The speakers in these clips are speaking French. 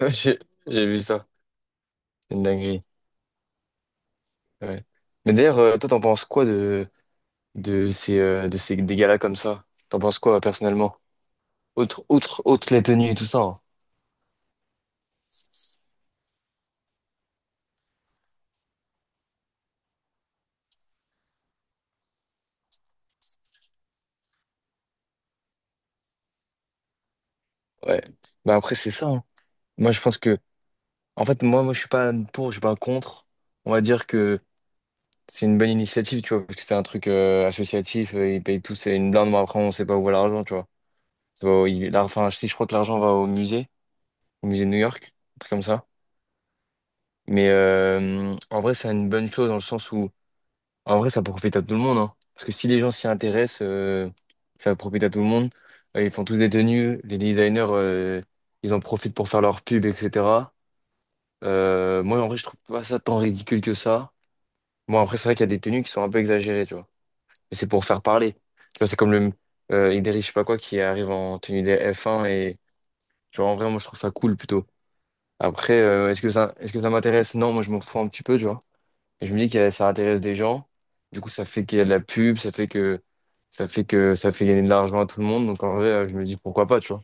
Ouais, j'ai vu ça, c'est une dinguerie, ouais. Mais d'ailleurs, toi, t'en penses quoi de ces des galas comme ça? T'en penses quoi personnellement? Outre les tenues et tout ça, hein. Ouais. Bah après, c'est ça, hein. Moi, je pense que, en fait, moi, je suis pas pour, je suis pas contre. On va dire que c'est une bonne initiative, tu vois, parce que c'est un truc associatif, ils payent tous, c'est une blinde, mais après, on sait pas où va l'argent, tu vois. Ça va là, enfin, si je crois que l'argent va au musée de New York, un truc comme ça. Mais en vrai, c'est une bonne chose. Dans le sens où En vrai, ça profite à tout le monde, hein. Parce que si les gens s'y intéressent, ça profite à tout le monde. Ils font tous des tenues, les designers, ils en profitent pour faire leur pub, etc. Moi, en vrai, je trouve pas ça tant ridicule que ça. Bon, après, c'est vrai qu'il y a des tenues qui sont un peu exagérées, tu vois. Mais c'est pour faire parler. Tu vois, c'est comme le Idriss, je sais pas quoi, qui arrive en tenue des F1 et, genre, en vrai, moi, je trouve ça cool plutôt. Après, est-ce que ça m'intéresse? Non, moi, je m'en fous un petit peu, tu vois. Et je me dis que ça intéresse des gens. Du coup, ça fait qu'il y a de la pub, ça fait gagner de l'argent à tout le monde. Donc en vrai, je me dis pourquoi pas, tu vois.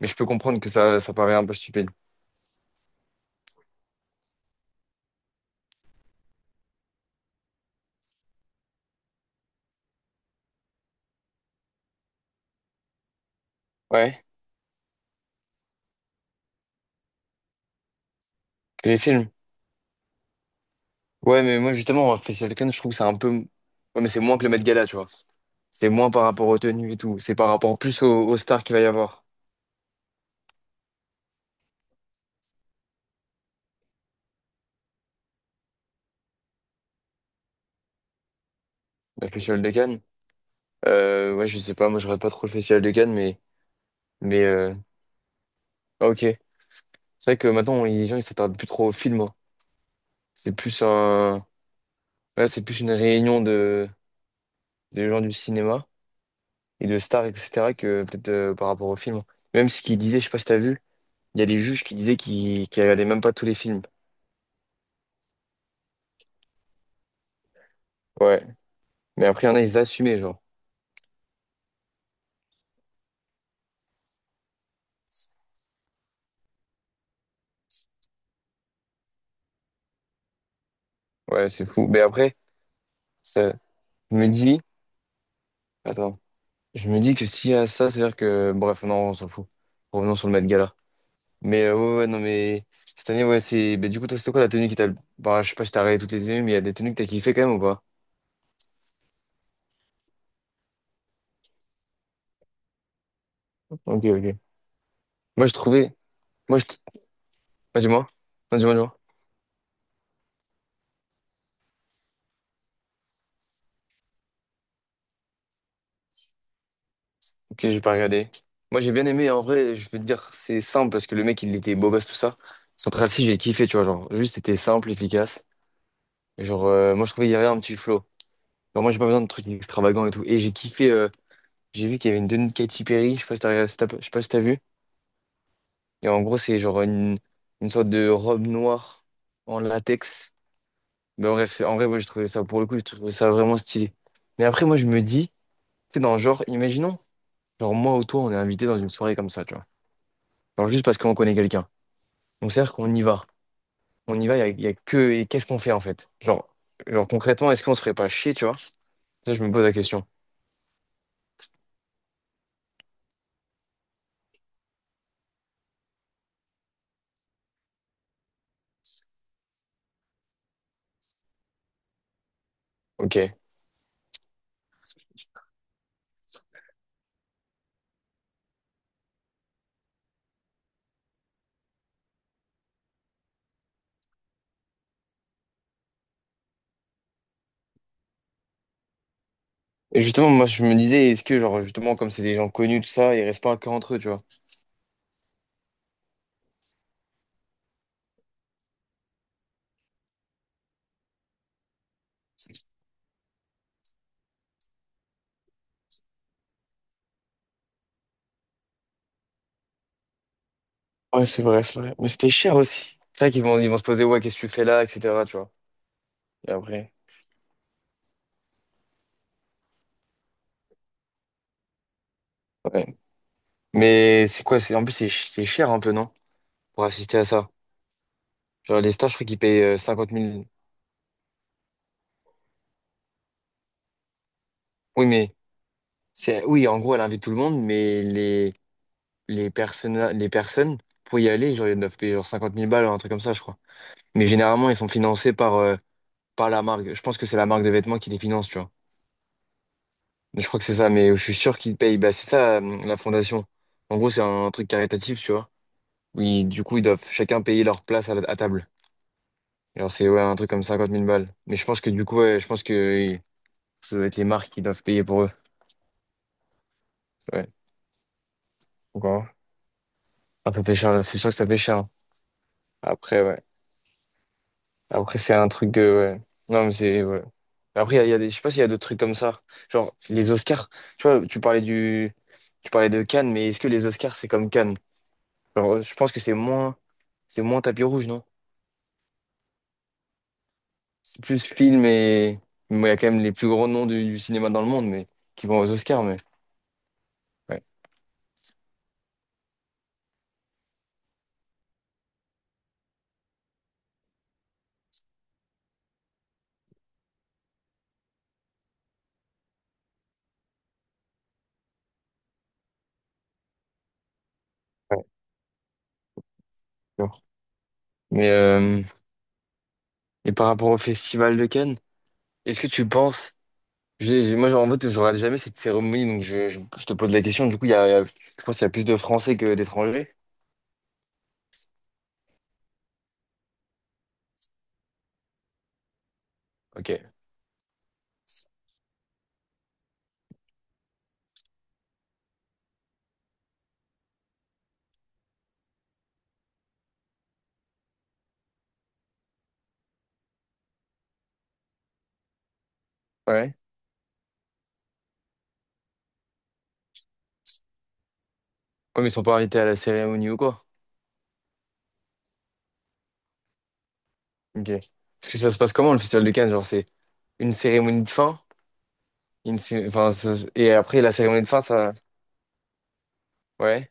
Mais je peux comprendre que ça paraît un peu stupide. Ouais, que les films. Ouais, mais moi justement, Facial Can, je trouve que c'est un peu. Ouais, mais c'est moins que le Met Gala, tu vois. C'est moins par rapport aux tenues et tout. C'est par rapport plus aux stars qu'il va y avoir. Le Festival de Cannes. Ouais, je sais pas, moi je regarde pas trop le Festival de Cannes, mais. Mais ah, ok. C'est vrai que maintenant, les gens ils s'attardent plus trop aux films, hein. C'est plus un. Là, c'est plus une réunion de gens du cinéma et de stars, etc., que peut-être par rapport au film. Même ce qu'ils disaient, je sais pas si t'as vu, il y a des juges qui disaient qu'ils regardaient même pas tous les films. Ouais. Mais après, il y en a, ils assumaient, genre. Ouais, c'est fou. Mais après, ça, je me dis, attends, je me dis que s'il y a ça, c'est-à-dire que, bref, non, on s'en fout. Revenons sur le Met Gala. Mais ouais, ouais, non, mais cette année, ouais, c'est. Mais du coup, toi, c'était quoi la tenue qui t'a. Bah, je sais pas si t'as regardé toutes les tenues, mais il y a des tenues que t'as kiffé quand même ou pas? Ok, ok. Moi, je trouvais. Moi, je. Bah, dis-moi. Non, dis-moi, dis-moi. Ok, j'ai pas regardé. Moi, j'ai bien aimé, en vrai, je veux te dire, c'est simple parce que le mec, il était beau gosse, tout ça. Central Cee, j'ai kiffé, tu vois, genre, juste, c'était simple, efficace. Genre, moi, je trouvais qu'il y avait un petit flow. Genre, moi, j'ai pas besoin de trucs extravagants et tout. Et j'ai kiffé, j'ai vu qu'il y avait une tenue de Katy Perry, je sais pas si t'as vu. Et en gros, c'est genre une sorte de robe noire en latex. Mais bref, en vrai, moi, j'ai trouvé ça, pour le coup, j'ai trouvé ça vraiment stylé. Mais après, moi, je me dis, tu sais, dans le genre, imaginons, genre, moi ou toi, on est invité dans une soirée comme ça, tu vois. Genre, juste parce qu'on connaît quelqu'un. Donc c'est-à-dire qu'on y va. On y va, il y a, y a que... Et qu'est-ce qu'on fait en fait? Genre concrètement, est-ce qu'on se ferait pas chier, tu vois? Ça, je me pose la question. Ok. Et justement, moi, je me disais, est-ce que, genre, justement, comme c'est des gens connus, tout ça, ils restent pas que entre eux, tu vois? Ouais, c'est vrai, c'est vrai. Mais c'était cher aussi. C'est vrai qu'ils vont se poser, ouais, qu'est-ce que tu fais là, etc., tu vois? Et après, ouais. Mais c'est quoi? C'est, en plus, c'est cher un peu, non? Pour assister à ça. Genre, les stars je crois qu'ils payent 50 000. Oui, mais oui, en gros, elle invite tout le monde, mais les personnes, pour y aller, genre, ils doivent payer genre 50 000 balles, un truc comme ça, je crois. Mais généralement, ils sont financés par la marque. Je pense que c'est la marque de vêtements qui les finance, tu vois. Mais je crois que c'est ça, mais je suis sûr qu'ils payent. Bah, c'est ça, la fondation. En gros, c'est un truc caritatif, tu vois. Oui, du coup, ils doivent chacun payer leur place à table. Alors, c'est ouais, un truc comme 50 000 balles. Mais je pense que du coup, ouais, je pense que euh, ça doit être les marques qui doivent payer pour eux. Ouais. Pourquoi? Ah, ça fait cher, c'est sûr que ça fait cher, hein. Après, ouais. Après, c'est un truc de. Ouais. Non, mais c'est. Ouais. Après, il y a des... je sais pas s'il y a d'autres trucs comme ça. Genre, les Oscars. Tu vois, tu parlais du. Tu parlais de Cannes, mais est-ce que les Oscars, c'est comme Cannes? Genre, je pense que c'est moins. C'est moins tapis rouge, non? C'est plus film et. Bon, il y a quand même les plus grands noms du cinéma dans le monde, mais qui vont aux Oscars, mais. Ouais. Ouais, bon. Mais. Et par rapport au Festival de Cannes, est-ce que tu penses. Moi, genre, en fait, je regarde jamais cette cérémonie, donc je te pose la question. Du coup, je pense qu'il y a plus de Français que d'étrangers. Ok. Ouais. Ouais, mais ils sont pas invités à la cérémonie ou quoi? Ok. Parce que ça se passe comment le festival de Cannes? Genre, c'est une cérémonie de fin? Enfin, et après, la cérémonie de fin, ça. Ouais.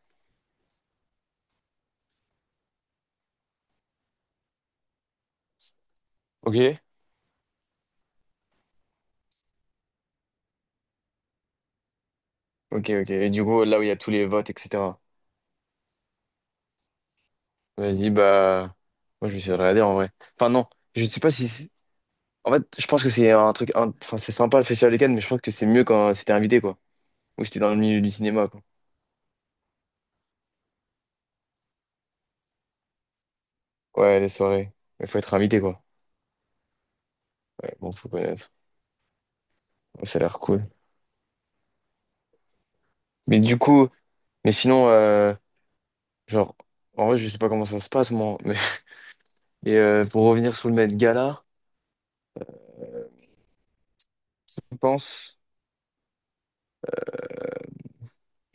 Ok. Ok, ok. Et du coup, là où il y a tous les votes, etc. Vas-y, bah. Moi, je vais essayer de regarder en vrai. Enfin, non. Je sais pas si c'est-. En fait, je pense que c'est un truc. Enfin, c'est sympa le festival de Cannes, mais je pense que c'est mieux quand c'était invité, quoi. Ou c'était dans le milieu du cinéma, quoi. Ouais, les soirées. Il faut être invité, quoi. Ouais, bon, faut connaître. Ouais, ça a l'air cool. Mais du coup. Mais sinon. Genre, en vrai, je sais pas comment ça se passe, moi. Mais... Et pour revenir sur le Met Gala, je pense,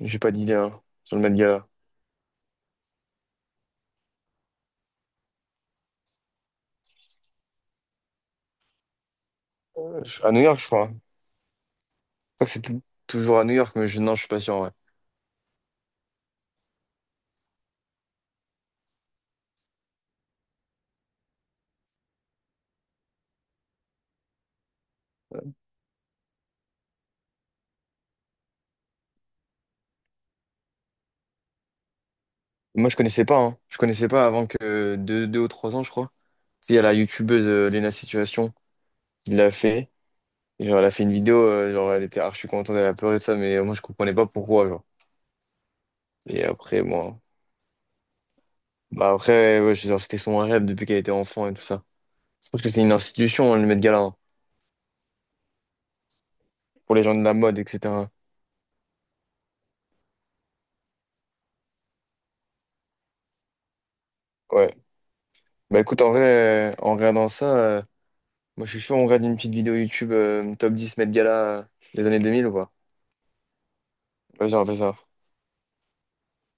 j'ai pas d'idée, hein, sur le Met Gala. À New York, je crois. Je crois que c'est toujours à New York, mais non, je suis pas sûr, ouais. Moi, je connaissais pas, hein. Je connaissais pas avant que deux ou trois ans, je crois. Si, il y a la youtubeuse Lena Situation qui l'a fait. Et genre, elle a fait une vidéo, genre, elle était archi contente, elle a pleuré de ça, mais moi, je comprenais pas pourquoi, genre. Et après, moi. Bah, après, ouais, genre, c'était son rêve depuis qu'elle était enfant et tout ça. Je pense que c'est une institution, hein, le Met Gala, hein, pour les gens de la mode, etc. Ouais. Bah écoute, en vrai, en regardant ça, moi je suis chaud, on regarde une petite vidéo YouTube top 10, Met Gala euh, des années 2000 ou quoi. Vas-y, on fait ça.